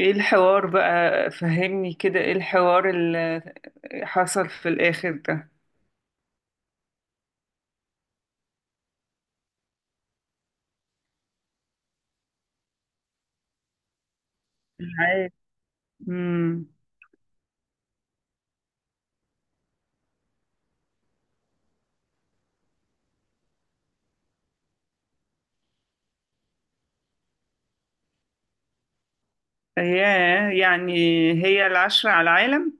ايه الحوار بقى فهمني كده، ايه الحوار اللي حصل في الاخر ده؟ العالم. امم. ايه يعني؟ هي الـ10 على العالم؟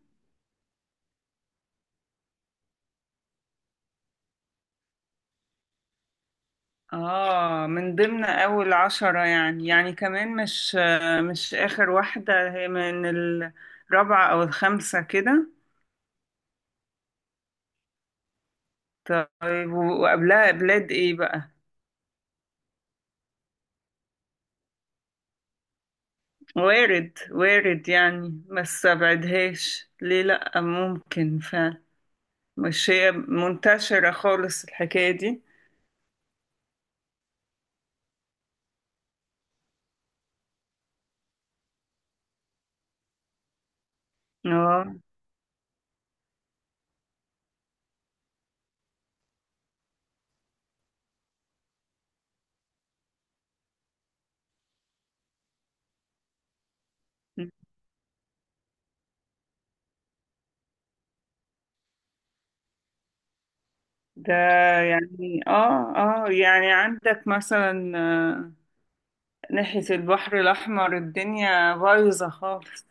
اه، من ضمن اول 10، يعني كمان مش اخر واحدة، هي من الرابعة او الخامسة كده. طيب، وقبلها بلاد ايه بقى؟ وارد وارد، يعني ما استبعدهاش ليه، لأ ممكن فعلا. مش هي منتشرة خالص الحكاية دي. اه. ده. يعني عندك مثلا ناحية البحر الأحمر الدنيا بايظة خالص.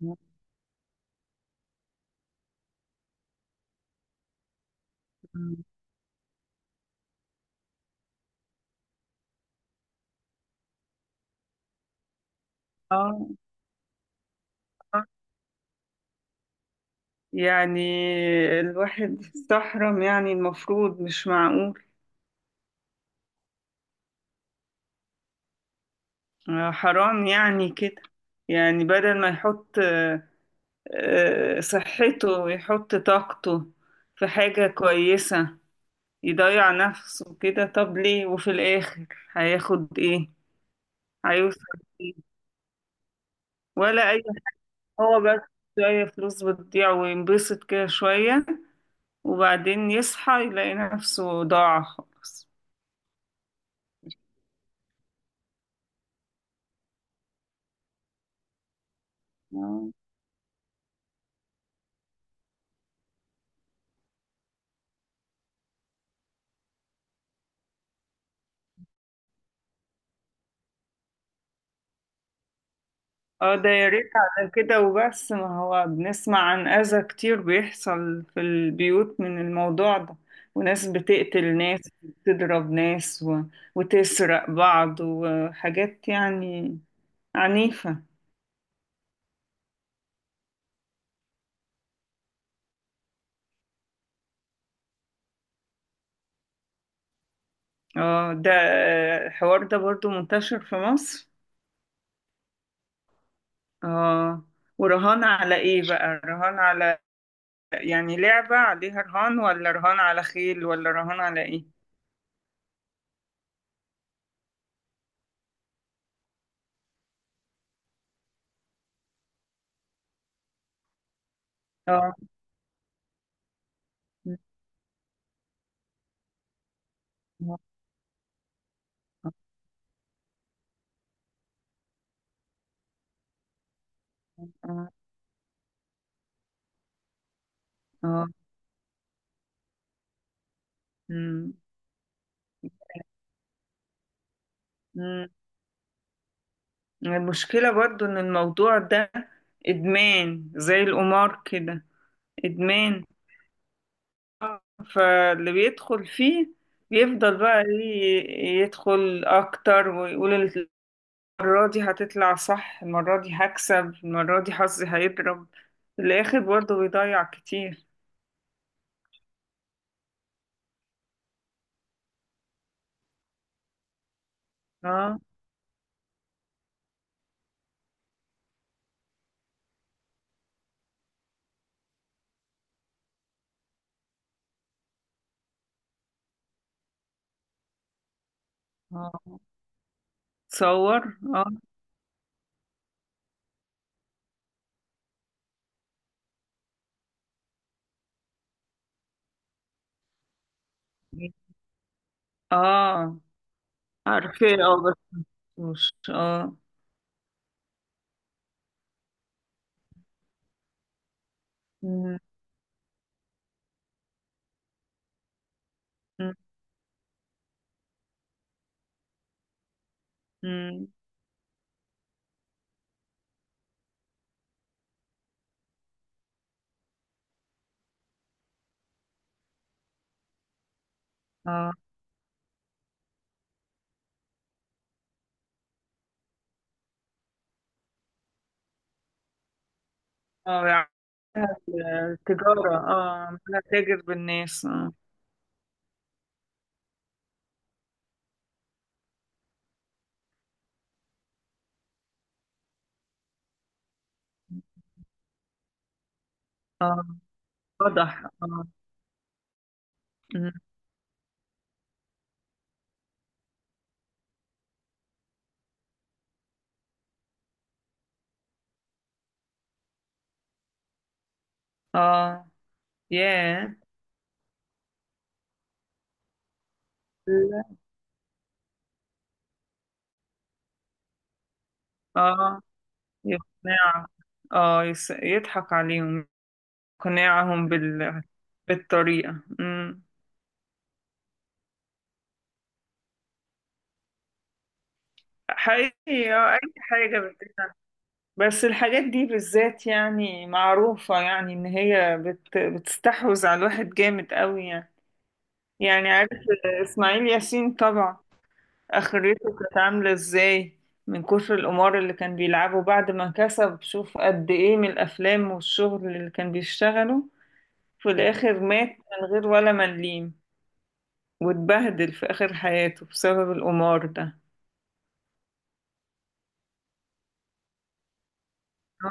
مم. اه. آه. يعني الواحد استحرم، يعني المفروض مش معقول. حرام يعني كده. يعني بدل ما يحط صحته ويحط طاقته في حاجة كويسة. يضيع نفسه كده، طب ليه؟ وفي الآخر هياخد ايه؟ هيوصل ايه؟ ولا أي. هو بس شوية فلوس بتضيع وينبسط كده شوية، وبعدين يصحى يلاقي نفسه ضاع خالص. اه. ده يا ريت على كده وبس، ما هو بنسمع عن أذى كتير بيحصل في البيوت من الموضوع ده، وناس بتقتل ناس وتضرب ناس وتسرق بعض، وحاجات يعني عنيفة. اه، ده الحوار ده برضو منتشر في مصر. اه. ورهان على ايه بقى؟ رهان على يعني لعبة عليها رهان، ولا رهان على خيل، ولا رهان على ايه؟ اه. اه. اه. أمم. أمم. المشكلة برضو ان الموضوع ده ادمان زي القمار كده. ادمان. فاللي بيدخل فيه بيفضل بقى يدخل اكتر ويقول المرة دي هتطلع صح، المرة دي هكسب، المرة دي حظي هيضرب. في الآخر برضه بيضيع كتير. اه. اه، تصور. اه. اه، عارفة، اه، بس. مش. اه. مم، مم، مم. اه اه يعني التجارة عمالة تاجر بالناس. اه. اه، واضح. اه. مم. اه. ياه! اه. يقنع. اه، يضحك عليهم. اقناعهم بالطريقة. حقيقي. اي حاجة بس الحاجات دي بالذات يعني معروفة، يعني ان هي بتستحوذ على الواحد جامد قوي يعني. يعني، عارف اسماعيل ياسين طبعا، اخرته كانت عاملة ازاي؟ من كتر القمار اللي كان بيلعبه بعد ما كسب. شوف قد ايه من الافلام والشغل اللي كان بيشتغله، في الاخر مات من غير ولا مليم، واتبهدل في اخر حياته بسبب القمار. ده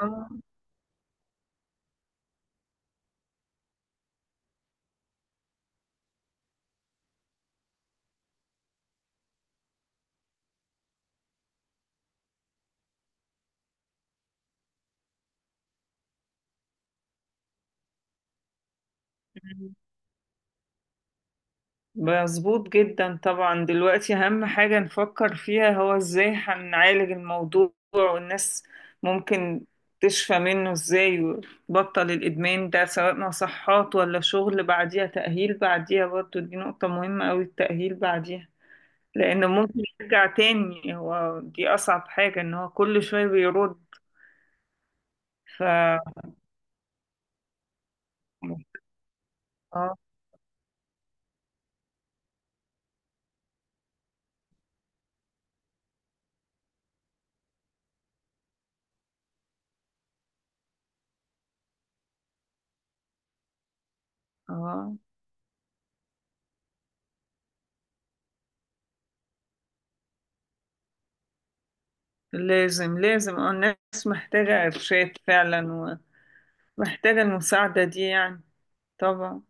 مظبوط جدا طبعا. دلوقتي أهم حاجة نفكر فيها هو ازاي هنعالج الموضوع، والناس ممكن تشفى منه ازاي، وتبطل الإدمان ده سواء مصحات ولا شغل بعديها تأهيل. بعديها برضو دي نقطة مهمة أوي، التأهيل بعديها، لأنه ممكن يرجع تاني. هو دي أصعب حاجة إن هو كل شوية بيرد. ف اه اه، لازم لازم الناس محتاجة إرشاد فعلا، محتاجة المساعدة دي يعني، طبعا.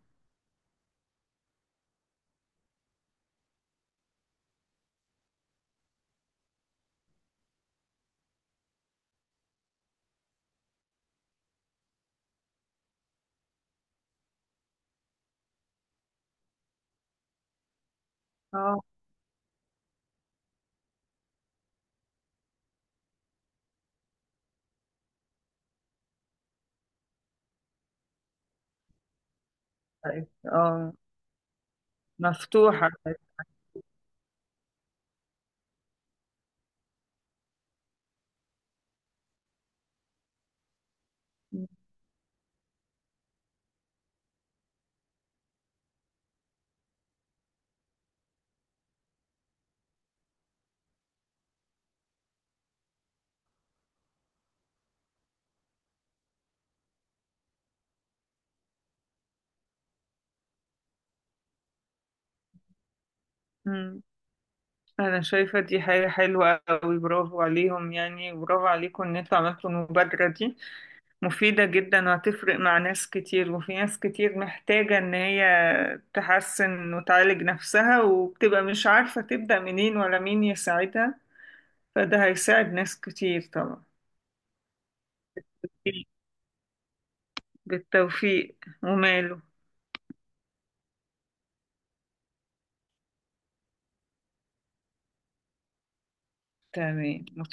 اه. اه، مفتوحة. مم. أنا شايفة دي حاجة حلوة أوي، برافو عليهم، يعني برافو عليكم إن انتوا عملتوا المبادرة دي. مفيدة جدا وهتفرق مع ناس كتير، وفي ناس كتير محتاجة إن هي تحسن وتعالج نفسها، وبتبقى مش عارفة تبدأ منين ولا مين يساعدها. فده هيساعد ناس كتير طبعا. بالتوفيق. وماله. تمام، متشكرة.